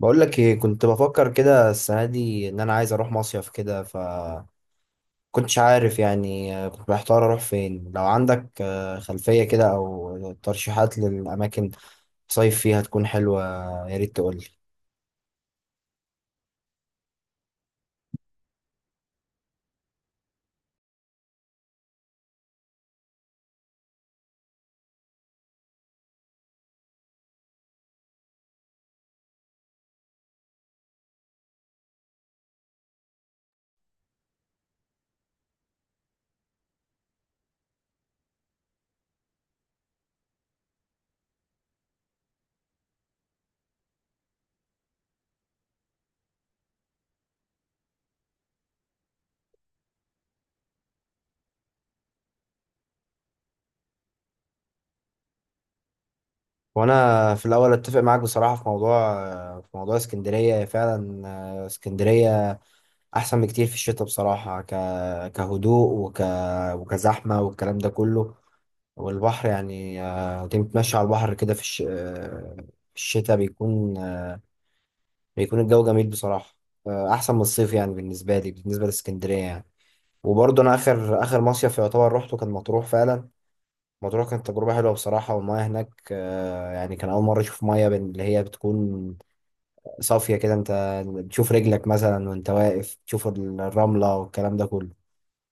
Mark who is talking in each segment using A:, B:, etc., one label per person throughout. A: بقول لك ايه، كنت بفكر كده السنه دي ان انا عايز اروح مصيف كده. ف كنتش عارف، يعني كنت محتار اروح فين. لو عندك خلفيه كده او ترشيحات للاماكن تصيف فيها تكون حلوه، يا ريت تقول لي. وانا في الاول اتفق معاك بصراحه في موضوع، في موضوع اسكندريه فعلا. اسكندريه احسن بكتير في الشتاء بصراحه، كهدوء وك... وكزحمه والكلام ده كله. والبحر يعني، تمشي على البحر كده في الش... آه، في الشتاء، بيكون بيكون الجو جميل بصراحة. أحسن من الصيف يعني، بالنسبة لي بالنسبة لإسكندرية يعني. وبرضه أنا آخر آخر مصيف يعتبر روحته كان مطروح فعلا. مطروح كانت تجربة حلوة بصراحة، والمياه هناك يعني كان أول مرة أشوف مياه اللي هي بتكون صافية كده، أنت بتشوف رجلك مثلا وأنت واقف، تشوف الرملة والكلام ده كله.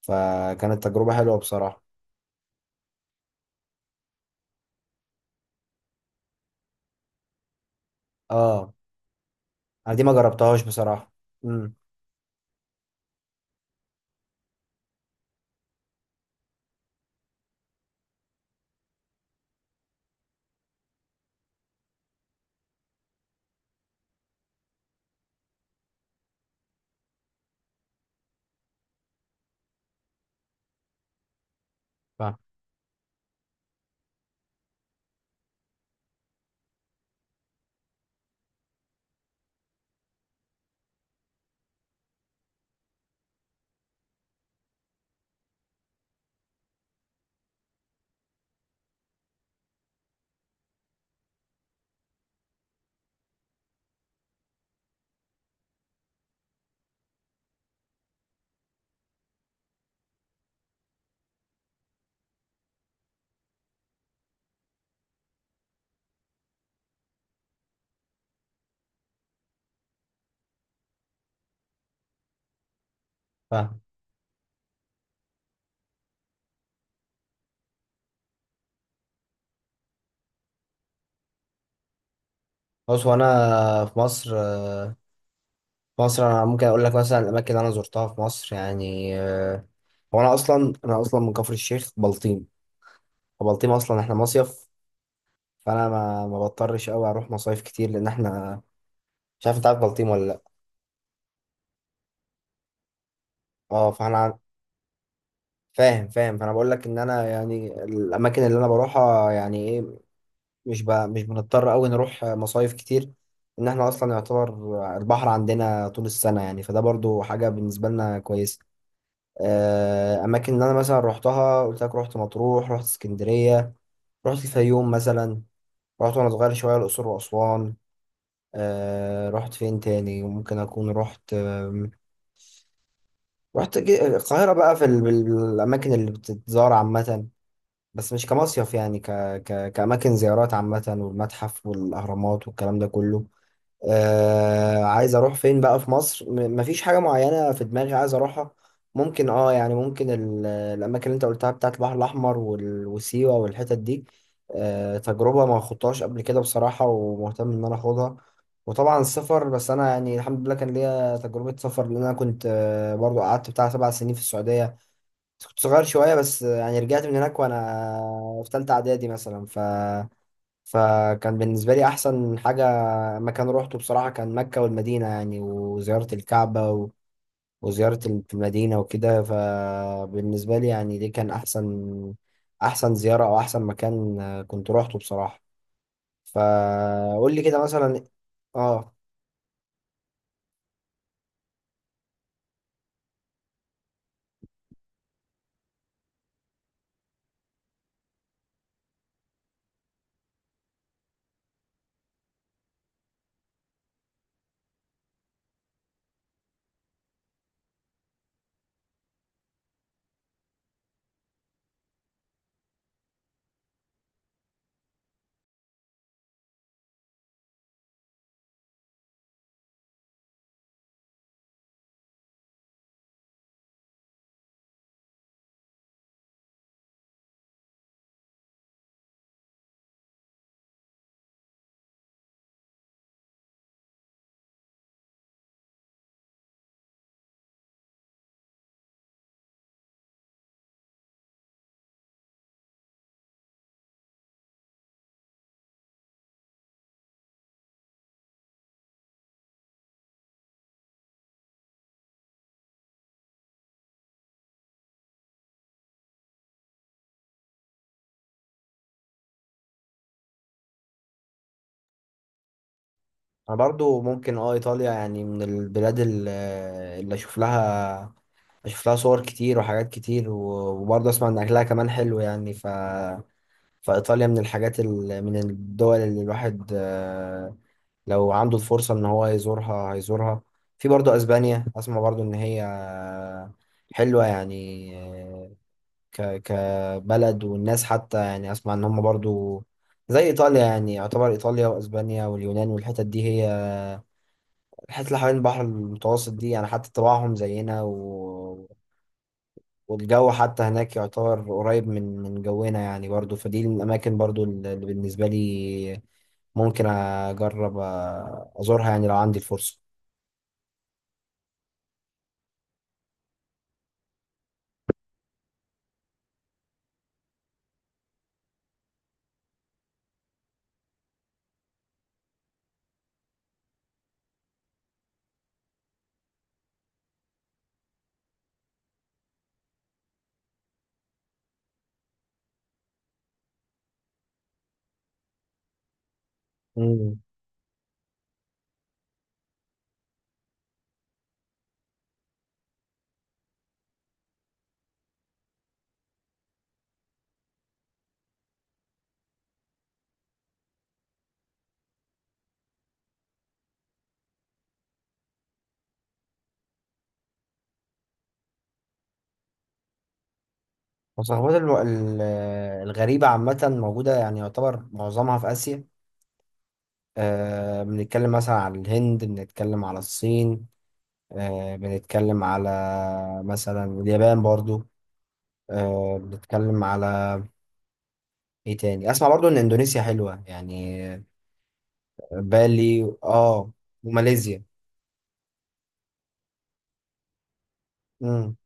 A: فكانت تجربة حلوة بصراحة. اه، أنا دي ما جربتهاش بصراحة. امم. فاهم، فاهم. بص، وانا في مصر انا ممكن اقول لك مثلا الاماكن اللي انا زرتها في مصر يعني. هو انا اصلا من كفر الشيخ، بلطيم. وبلطيم اصلا احنا مصيف، فانا ما بضطرش قوي اروح مصايف كتير، لان احنا مش عارف. انت عارف بلطيم ولا لا؟ اه، فاهم، فاهم. فانا بقول لك ان انا يعني الاماكن اللي انا بروحها يعني ايه، مش بنضطر قوي نروح مصايف كتير. ان احنا اصلا يعتبر البحر عندنا طول السنة يعني، فده برضو حاجة بالنسبة لنا كويسة. اماكن اللي انا مثلا روحتها قلت لك، روحت مطروح، روحت اسكندريه، رحت الفيوم مثلا، رحت وانا صغير شويه الاقصر واسوان. آه، رحت فين تاني ممكن اكون رحت؟ رحت القاهره بقى في الاماكن اللي بتتزار عامه، بس مش كمصيف يعني، كاماكن زيارات عامه، والمتحف والاهرامات والكلام ده كله. آه عايز اروح فين بقى في مصر؟ مفيش حاجة معينة في دماغي عايز اروحها. ممكن اه، يعني ممكن الاماكن اللي انت قلتها بتاعت البحر الاحمر وال- وسيوة والحتت دي، آه، تجربة ما خدتهاش قبل كده بصراحة، ومهتم ان انا اخدها. وطبعا السفر، بس انا يعني الحمد لله كان ليا تجربة سفر، لان انا كنت آه برضو قعدت بتاع 7 سنين في السعودية، بس كنت صغير شوية، بس يعني رجعت من هناك وانا في تالتة اعدادي مثلا. فكان بالنسبة لي أحسن حاجة مكان روحته بصراحة كان مكة والمدينة يعني، وزيارة الكعبة و وزيارة في المدينة وكده. فبالنسبة لي يعني دي كان أحسن أحسن زيارة أو أحسن مكان كنت روحته بصراحة. فقول لي كده مثلا. آه، أنا برضو ممكن آه إيطاليا يعني، من البلاد اللي أشوف لها صور كتير وحاجات كتير، وبرضه أسمع إن أكلها كمان حلو يعني. ف فإيطاليا من الدول اللي الواحد لو عنده الفرصة إن هو يزورها هيزورها. في برضه أسبانيا، أسمع برضه إن هي حلوة يعني، كبلد والناس، حتى يعني أسمع إن هم برضه زي إيطاليا. يعني يعتبر إيطاليا وأسبانيا واليونان والحتت دي، هي الحتت اللي حوالين البحر المتوسط دي، يعني حتى طباعهم زينا، والجو حتى هناك يعتبر قريب من من جونا يعني. برضو فدي الأماكن برضو اللي بالنسبة لي ممكن أجرب أزورها يعني لو عندي الفرصة. مم. وصحبات الغريبة عامة موجودة يعني، يعتبر معظمها في آسيا. بنتكلم مثلا على الهند، بنتكلم على الصين، بنتكلم على مثلا اليابان برضو، بنتكلم على ايه تاني؟ اسمع برضو ان اندونيسيا حلوة يعني، بالي اه، وماليزيا. امم.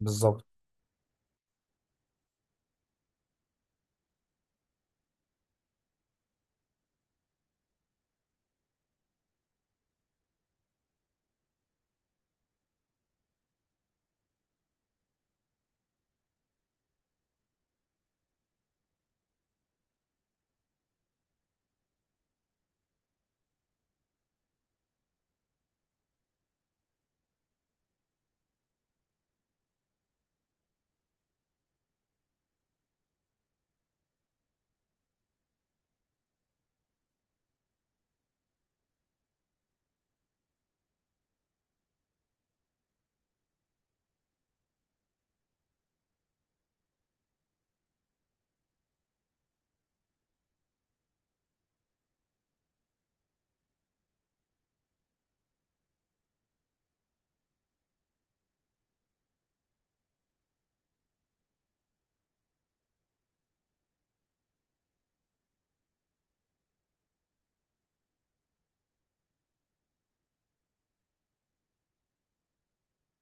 A: بالظبط.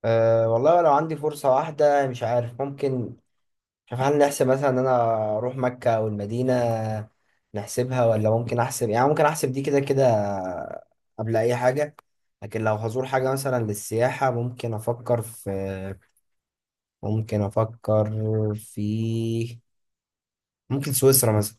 A: أه والله، لو عندي فرصة واحدة مش عارف. ممكن مش عارف، هل نحسب مثلا ان انا اروح مكة او المدينة؟ نحسبها؟ ولا ممكن احسب، يعني ممكن احسب دي كده كده قبل اي حاجة. لكن لو هزور حاجة مثلا للسياحة، ممكن افكر في، ممكن افكر في، ممكن سويسرا مثلا.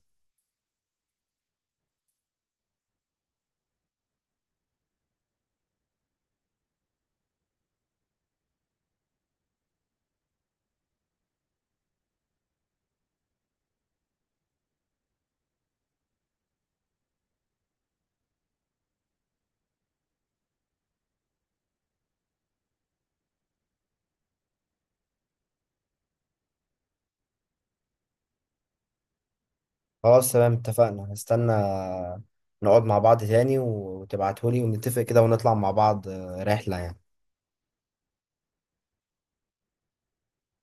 A: خلاص تمام، اتفقنا. هستنى نقعد مع بعض تاني وتبعتهولي ونتفق كده، ونطلع مع بعض رحلة يعني.